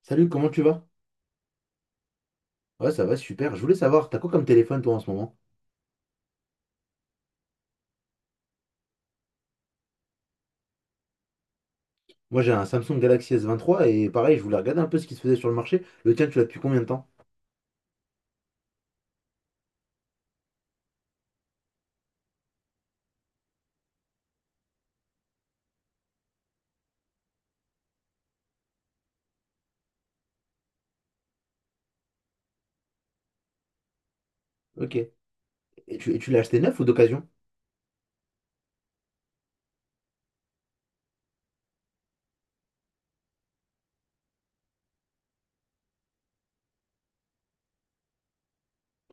Salut, comment tu vas? Ouais, ça va, super. Je voulais savoir, t'as quoi comme téléphone toi en ce moment? Moi j'ai un Samsung Galaxy S23 et pareil, je voulais regarder un peu ce qui se faisait sur le marché. Le tien, tu l'as depuis combien de temps? Ok. Et tu l'as acheté neuf ou d'occasion?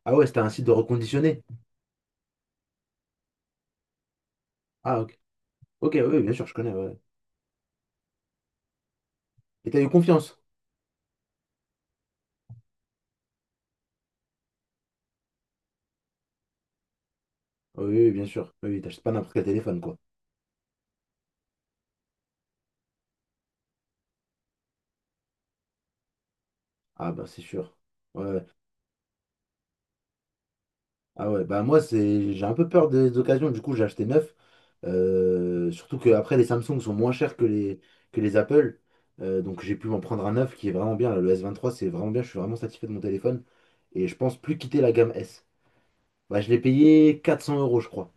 Ah ouais, c'était un site de reconditionné. Ah ok. Ok, oui, bien sûr, je connais, ouais. Et t'as eu confiance? Oui, oui, bien sûr. Oui, oui, t'achètes pas n'importe quel téléphone, quoi. Ah bah c'est sûr. Ouais. Ouais. Ah ouais, bah moi c'est j'ai un peu peur des occasions, du coup j'ai acheté neuf. Surtout que après les Samsung sont moins chers que les Apple. Donc j'ai pu m'en prendre un neuf qui est vraiment bien, là. Le S23 c'est vraiment bien, je suis vraiment satisfait de mon téléphone. Et je pense plus quitter la gamme S. Bah je l'ai payé 400 euros je crois.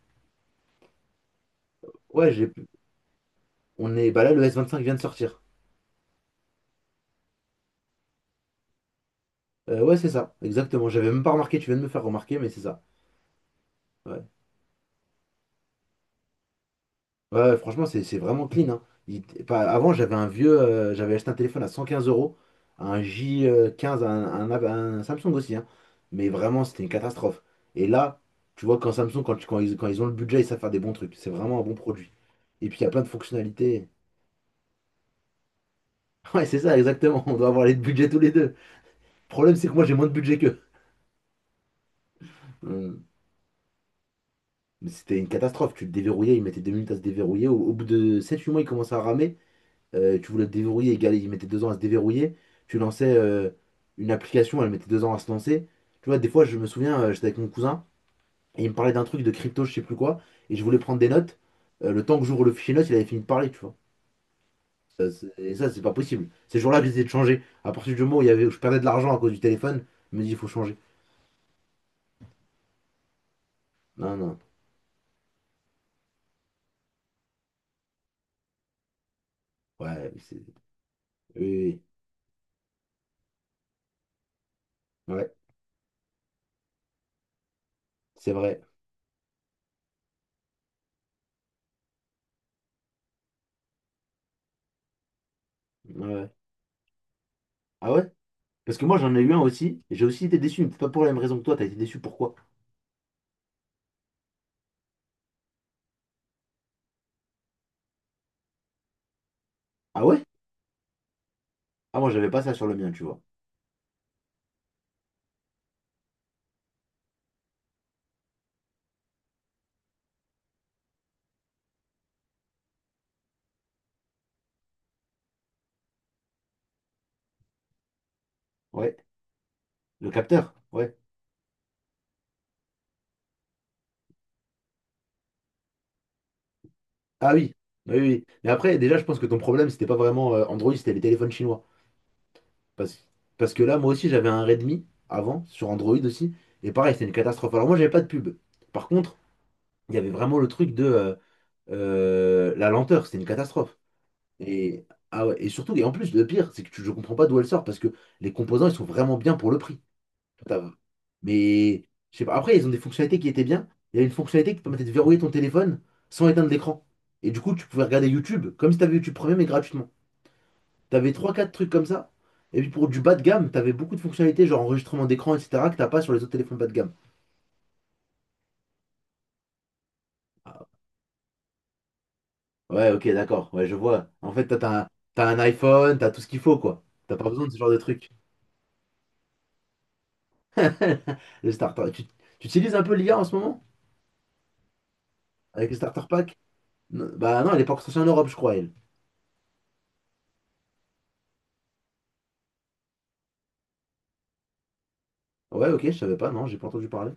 Ouais, j'ai. On est. Bah là le S25 vient de sortir. Ouais c'est ça, exactement. J'avais même pas remarqué, tu viens de me faire remarquer, mais c'est ça. Ouais. Ouais, franchement, c'est vraiment clean, hein. Avant, j'avais acheté un téléphone à 115 euros, un J15, un, un Samsung aussi, hein. Mais vraiment, c'était une catastrophe. Et là, tu vois, quand ils ont le budget, ils savent faire des bons trucs. C'est vraiment un bon produit. Et puis, il y a plein de fonctionnalités. Ouais, c'est ça, exactement. On doit avoir les budgets tous les deux. Le problème, c'est que moi, j'ai moins de budget qu'eux. Hum. Mais c'était une catastrophe. Tu le déverrouillais, il mettait 2 minutes à se déverrouiller. Au bout de 7 8 mois, il commençait à ramer. Tu voulais le déverrouiller, égal, il mettait 2 ans à se déverrouiller. Tu lançais une application, elle mettait 2 ans à se lancer. Tu vois, des fois, je me souviens, j'étais avec mon cousin, et il me parlait d'un truc de crypto, je sais plus quoi, et je voulais prendre des notes. Le temps que j'ouvre le fichier notes, il avait fini de parler, tu vois. Et ça, c'est pas possible. Ces jours-là, j'essayais de changer. À partir du moment où, il y avait, où je perdais de l'argent à cause du téléphone, je me dis, il faut changer. Non, non. Ouais, c'est. Oui, oui. Oui. Ouais, c'est vrai. Ouais. Ouais. Ah ouais? Parce que moi, j'en ai eu un aussi, et j'ai aussi été déçu, mais peut-être pas pour la même raison que toi, t'as été déçu, pourquoi? Ah ouais? Ah, moi, j'avais pas ça sur le mien, tu vois. Ouais. Le capteur? Ouais. Ah oui, oui, oui. Mais après, déjà, je pense que ton problème, c'était pas vraiment Android, c'était les téléphones chinois. Parce, parce que là, moi aussi, j'avais un Redmi avant, sur Android aussi. Et pareil, c'était une catastrophe. Alors moi, j'avais pas de pub. Par contre, il y avait vraiment le truc de la lenteur, c'était une catastrophe. Et, ah ouais, et surtout, et en plus, le pire, je comprends pas d'où elle sort, parce que les composants, ils sont vraiment bien pour le prix. T'as- Mais je sais pas. Après, ils ont des fonctionnalités qui étaient bien. Il y a une fonctionnalité qui permettait de verrouiller ton téléphone sans éteindre l'écran. Et du coup, tu pouvais regarder YouTube comme si t'avais YouTube Premium mais gratuitement. T'avais trois quatre trucs comme ça. Et puis pour du bas de gamme, t'avais beaucoup de fonctionnalités, genre enregistrement d'écran, etc., que t'as pas sur les autres téléphones bas de gamme. Ah, ouais, ok, d'accord. Ouais, je vois. En fait, toi, t'as un, iPhone, t'as tout ce qu'il faut, quoi. T'as pas besoin de ce genre de trucs. Le starter. Tu utilises un peu l'IA en ce moment? Avec le starter pack? Non, bah non, elle est pas encore sortie en Europe, je crois, elle. Ouais, ok, je savais pas, non, j'ai pas entendu parler.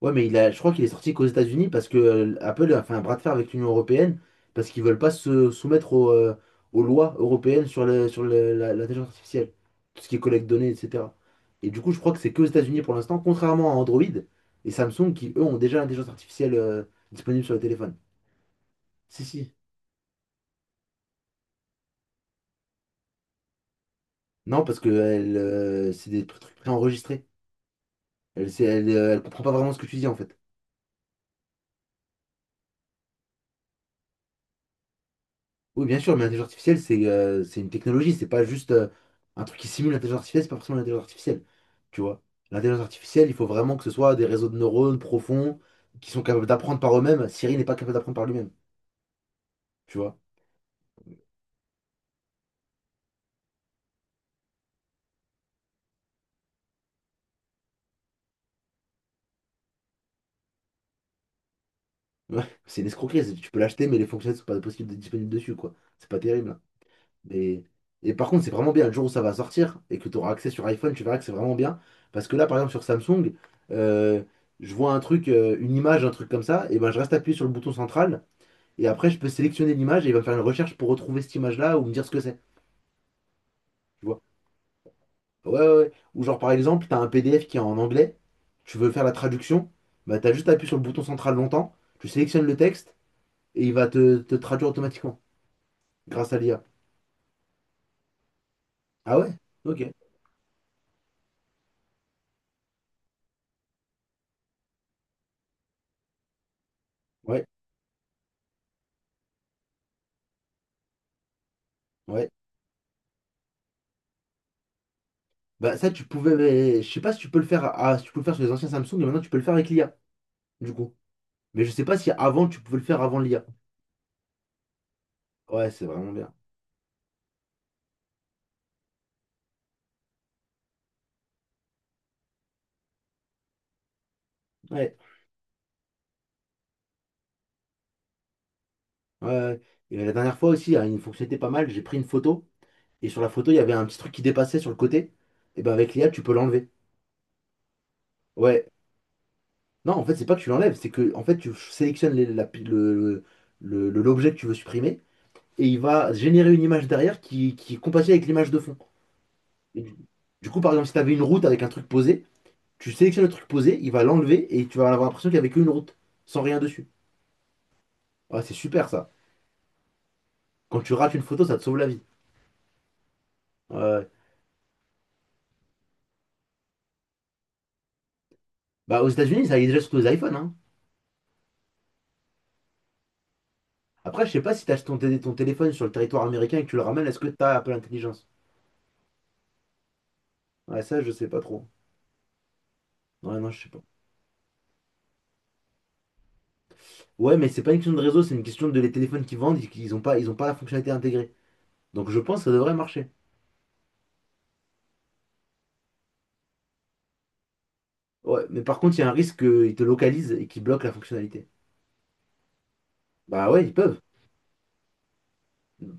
Ouais, mais je crois qu'il est sorti qu'aux États-Unis parce que Apple a fait un bras de fer avec l'Union européenne parce qu'ils veulent pas se soumettre aux lois européennes l'intelligence artificielle, tout ce qui est collecte de données, etc. Et du coup, je crois que c'est qu'aux États-Unis pour l'instant, contrairement à Android et Samsung qui, eux, ont déjà l'intelligence artificielle disponible sur le téléphone. Si, si. Non, parce que c'est des trucs préenregistrés. Elle comprend pas vraiment ce que tu dis en fait. Oui, bien sûr, mais l'intelligence artificielle, c'est une technologie, c'est pas juste un truc qui simule l'intelligence artificielle, c'est pas forcément l'intelligence artificielle. Tu vois, l'intelligence artificielle, il faut vraiment que ce soit des réseaux de neurones profonds qui sont capables d'apprendre par eux-mêmes. Siri n'est pas capable d'apprendre par lui-même, tu vois. Ouais, c'est une escroquerie, tu peux l'acheter, mais les fonctionnalités sont pas possibles d'être disponibles dessus, quoi. C'est pas terrible, hein. Mais. Et par contre, c'est vraiment bien, le jour où ça va sortir et que tu auras accès sur iPhone, tu verras que c'est vraiment bien. Parce que là, par exemple, sur Samsung, euh, je vois un truc, une image, un truc comme ça, et ben je reste appuyé sur le bouton central. Et après, je peux sélectionner l'image et il va faire une recherche pour retrouver cette image-là ou me dire ce que c'est. Tu vois? Ah ouais, ouais, ouais. Ou genre, par exemple, t'as un PDF qui est en anglais, tu veux faire la traduction, bah t'as juste à appuyer sur le bouton central longtemps, tu sélectionnes le texte et il va te traduire automatiquement grâce à l'IA. Ah ouais? Ok. Ouais, ouais. Bah ça, tu pouvais, mais je sais pas si tu peux le faire si tu peux le faire sur les anciens Samsung mais maintenant tu peux le faire avec l'IA, du coup. Mais je sais pas si avant tu pouvais le faire avant l'IA. Ouais, c'est vraiment bien. Ouais. Ouais. Ouais. Et la dernière fois aussi, il y a une fonctionnalité pas mal, j'ai pris une photo. Et sur la photo, il y avait un petit truc qui dépassait sur le côté. Et ben avec l'IA, tu peux l'enlever. Ouais. Non, en fait, c'est pas que tu l'enlèves, c'est que en fait, tu sélectionnes l'objet que tu veux supprimer et il va générer une image derrière qui, est compatible avec l'image de fond. Et du coup, par exemple, si tu avais une route avec un truc posé, tu sélectionnes le truc posé, il va l'enlever et tu vas avoir l'impression qu'il n'y avait qu'une route, sans rien dessus. Ouais, c'est super ça. Quand tu rates une photo, ça te sauve la vie. Ouais. Ouais. Bah, aux États-Unis, ça y est déjà sur tous les iPhones, hein. Après, je sais pas si ton téléphone sur le territoire américain et que tu le ramènes, est-ce que tu as Apple Intelligence? Ouais, ça, je sais pas trop. Ouais, non, je sais pas. Ouais, mais c'est pas une question de réseau, c'est une question de les téléphones qui vendent, ils ont pas la fonctionnalité intégrée. Donc je pense que ça devrait marcher. Ouais, mais par contre, il y a un risque qu'ils te localisent et qu'ils bloquent la fonctionnalité. Bah ouais, ils peuvent.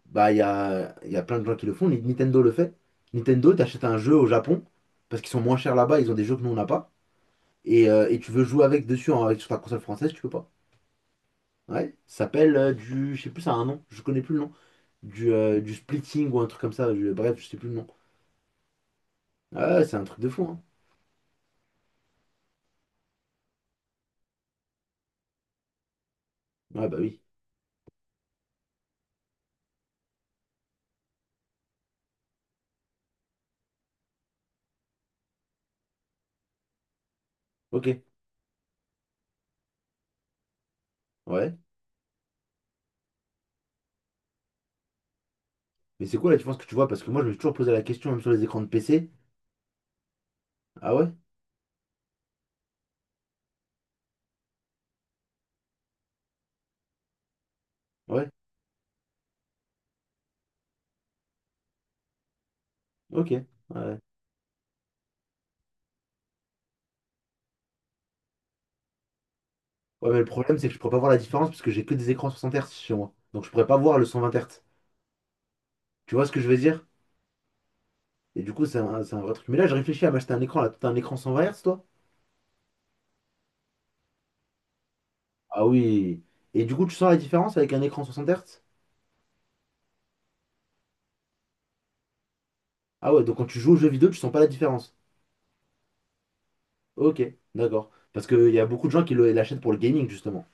Bah il y a plein de gens qui le font. Nintendo le fait. Nintendo, t'achètes un jeu au Japon, parce qu'ils sont moins chers là-bas, ils ont des jeux que nous on n'a pas. Et tu veux jouer avec dessus avec, sur ta console française, tu peux pas. Ouais, ça s'appelle du. Je sais plus, ça a un nom, je connais plus le nom. Du splitting ou un truc comme ça, bref, je sais plus le nom. Ah, ouais, c'est un truc de fou, hein. Ouais, bah oui. Ok, ouais. Mais c'est quoi la différence que tu vois? Parce que moi, je me suis toujours posé la question, même sur les écrans de PC. Ah ouais? Ouais. Ok. Ouais. Ouais, mais le problème, c'est que je pourrais pas voir la différence parce que j'ai que des écrans 60 Hz chez moi. Donc, je pourrais pas voir le 120 Hz. Tu vois ce que je veux dire? Et du coup, c'est un, vrai truc. Mais là, je réfléchis à m'acheter un écran. Là, t'as un écran 120 Hz, toi? Ah oui. Et du coup, tu sens la différence avec un écran 60 Hz? Ah ouais, donc quand tu joues aux jeux vidéo, tu sens pas la différence. Ok, d'accord. Parce qu'il y a beaucoup de gens qui l'achètent pour le gaming, justement.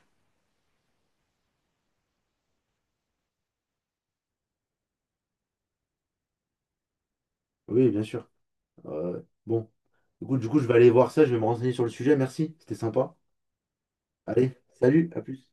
Oui, bien sûr. Euh, bon. Du coup, je vais aller voir ça, je vais me renseigner sur le sujet. Merci, c'était sympa. Allez, salut, à plus.